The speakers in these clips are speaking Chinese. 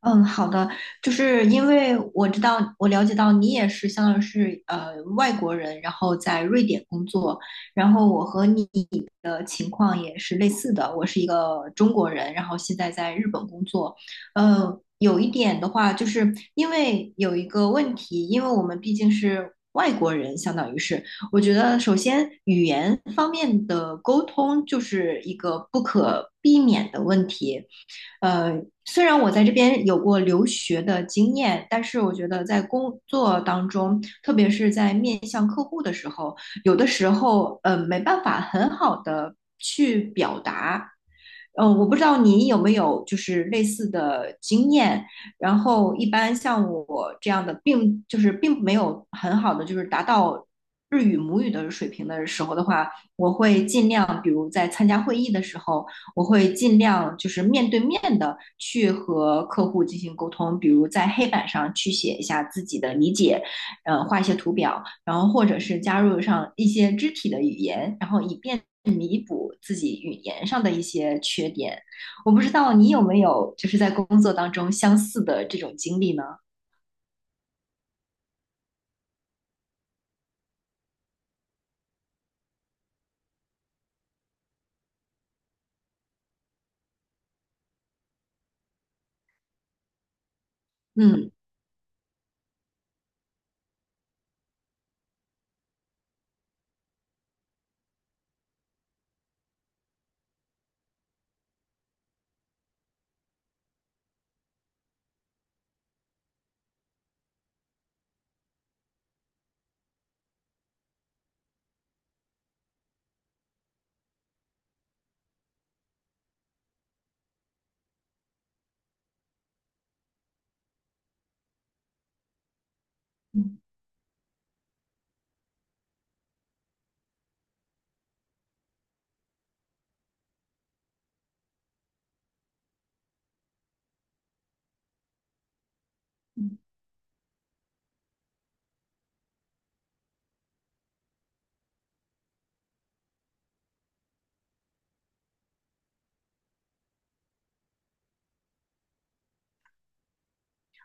嗯，好的，就是因为我知道，我了解到你也是相当于是外国人，然后在瑞典工作，然后我和你的情况也是类似的，我是一个中国人，然后现在在日本工作，有一点的话，就是因为有一个问题，因为我们毕竟是外国人，相当于是，我觉得首先语言方面的沟通就是一个不可避免的问题。呃，虽然我在这边有过留学的经验，但是我觉得在工作当中，特别是在面向客户的时候，有的时候没办法很好的去表达。我不知道你有没有就是类似的经验。然后一般像我这样的，并就是并没有很好的就是达到日语母语的水平的时候的话，我会尽量比如在参加会议的时候。我会尽量就是面对面的去和客户进行沟通，比如在黑板上去写一下自己的理解，呃，画一些图表，然后或者是加入上一些肢体的语言，然后以便弥补自己语言上的一些缺点。我不知道你有没有就是在工作当中相似的这种经历呢？嗯。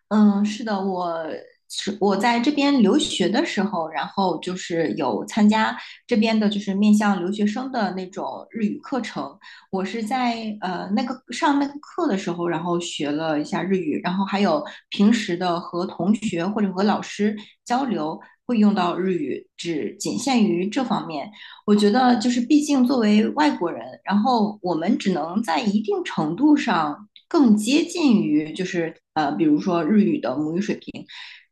嗯，是的，我在这边留学的时候，然后就是有参加这边的，就是面向留学生的那种日语课程。我是在那个上那个课的时候，然后学了一下日语，然后还有平时的和同学或者和老师交流会用到日语，只仅限于这方面。我觉得就是，毕竟作为外国人，然后我们只能在一定程度上更接近于，就是比如说日语的母语水平，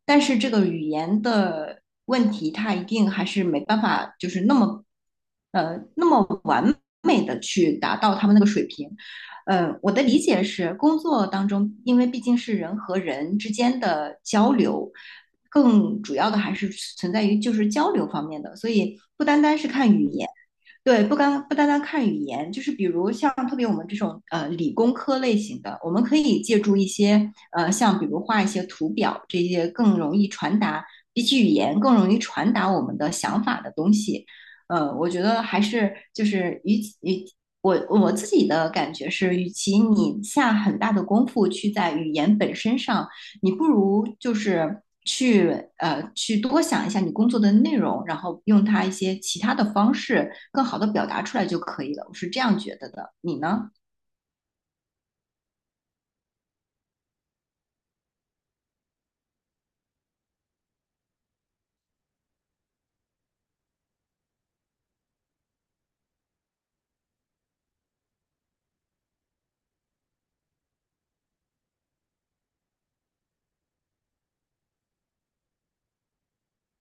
但是这个语言的问题，它一定还是没办法，就是那么那么美的去达到他们那个水平。嗯，我的理解是，工作当中，因为毕竟是人和人之间的交流，更主要的还是存在于就是交流方面的，所以不单单是看语言。对，不单单看语言，就是比如像特别我们这种理工科类型的，我们可以借助一些像比如画一些图表这些更容易传达，比起语言更容易传达我们的想法的东西。呃，我觉得还是就是与我自己的感觉是，与其你下很大的功夫去在语言本身上你不如就是去去多想一下你工作的内容，然后用它一些其他的方式更好的表达出来就可以了。我是这样觉得的，你呢？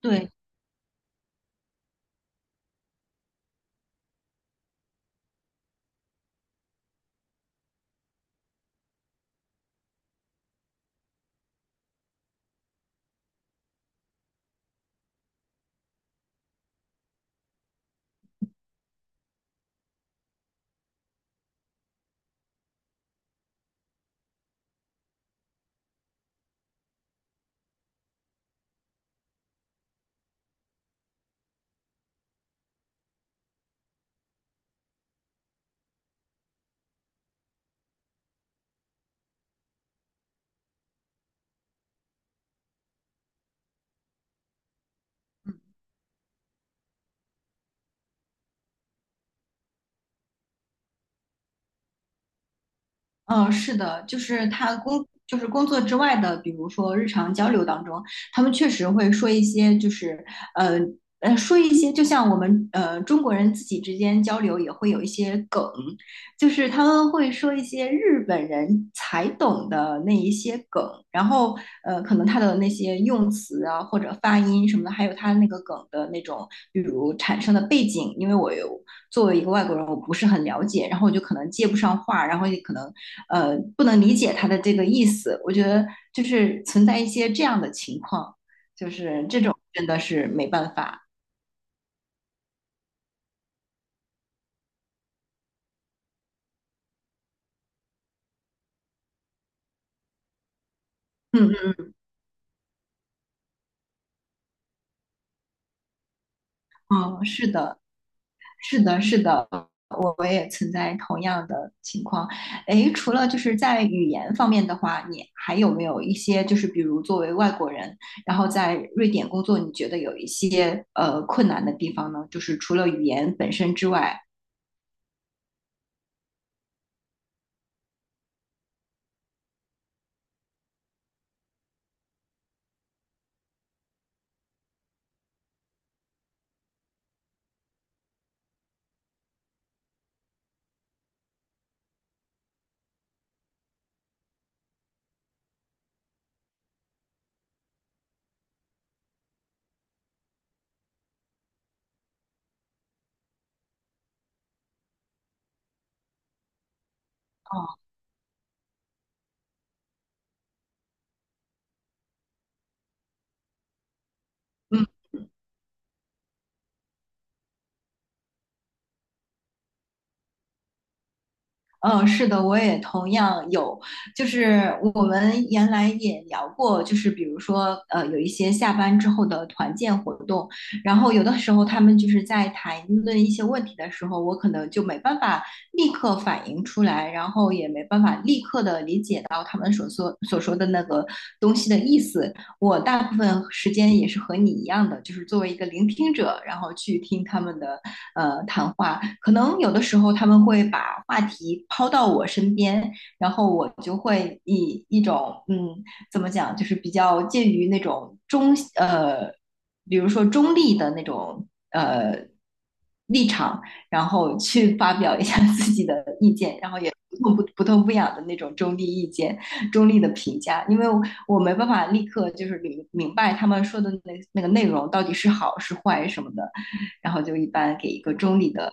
对，嗯，是的，就是他工，就是工作之外的，比如说日常交流当中，他们确实会说一些，就是呃说一些，就像我们中国人自己之间交流也会有一些梗，就是他们会说一些日本人才懂的那一些梗，然后呃，可能他的那些用词啊，或者发音什么的，还有他那个梗的那种，比如产生的背景，因为我有。作为一个外国人，我不是很了解，然后我就可能接不上话，然后也可能不能理解他的这个意思。我觉得就是存在一些这样的情况，就是这种真的是没办法。嗯嗯嗯，是的，是的，是的，我也存在同样的情况。诶，除了就是在语言方面的话，你还有没有一些就是比如作为外国人，然后在瑞典工作，你觉得有一些困难的地方呢？就是除了语言本身之外。嗯。嗯嗯，是的，我也同样有，就是我们原来也聊过，就是比如说，呃，有一些下班之后的团建活动，然后有的时候他们就是在谈论一些问题的时候，我可能就没办法立刻反应出来，然后也没办法立刻的理解到他们所说的那个东西的意思。我大部分时间也是和你一样的，就是作为一个聆听者，然后去听他们的谈话，可能有的时候他们会把话题抛到我身边，然后我就会以一种嗯怎么讲，就是比较介于那种比如说中立的那种立场，然后去发表一下 自己的意见，然后也。不痛不痒的那种中立意见、中立的评价，因为我没办法立刻就是明白他们说的那个内容到底是好是坏什么的，然后就一般给一个中立的。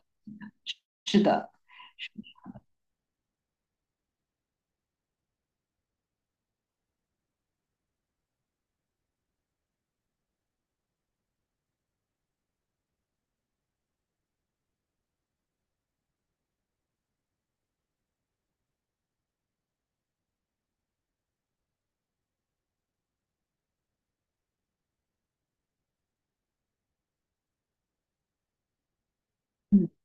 嗯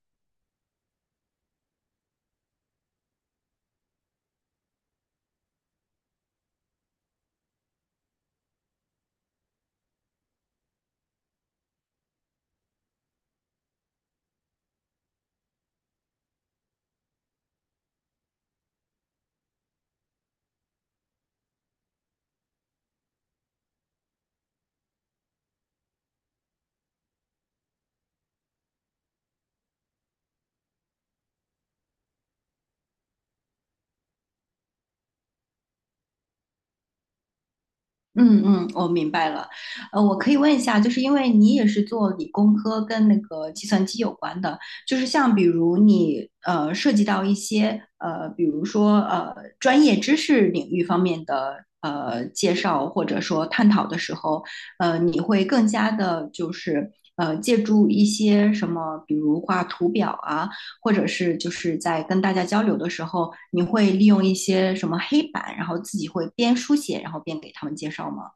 嗯嗯，我明白了。呃，我可以问一下，就是因为你也是做理工科跟那个计算机有关的，就是像比如你涉及到一些呃，比如说专业知识领域方面的介绍或者说探讨的时候，呃，你会更加的就是借助一些什么，比如画图表啊。或者是就是在跟大家交流的时候，你会利用一些什么黑板，然后自己会边书写，然后边给他们介绍吗？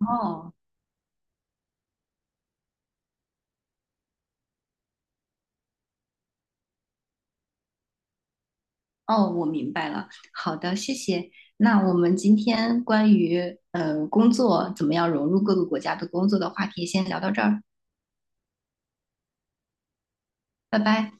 哦哦，我明白了。好的，谢谢。那我们今天关于工作怎么样融入各个国家的工作的话题，先聊到这儿，拜拜。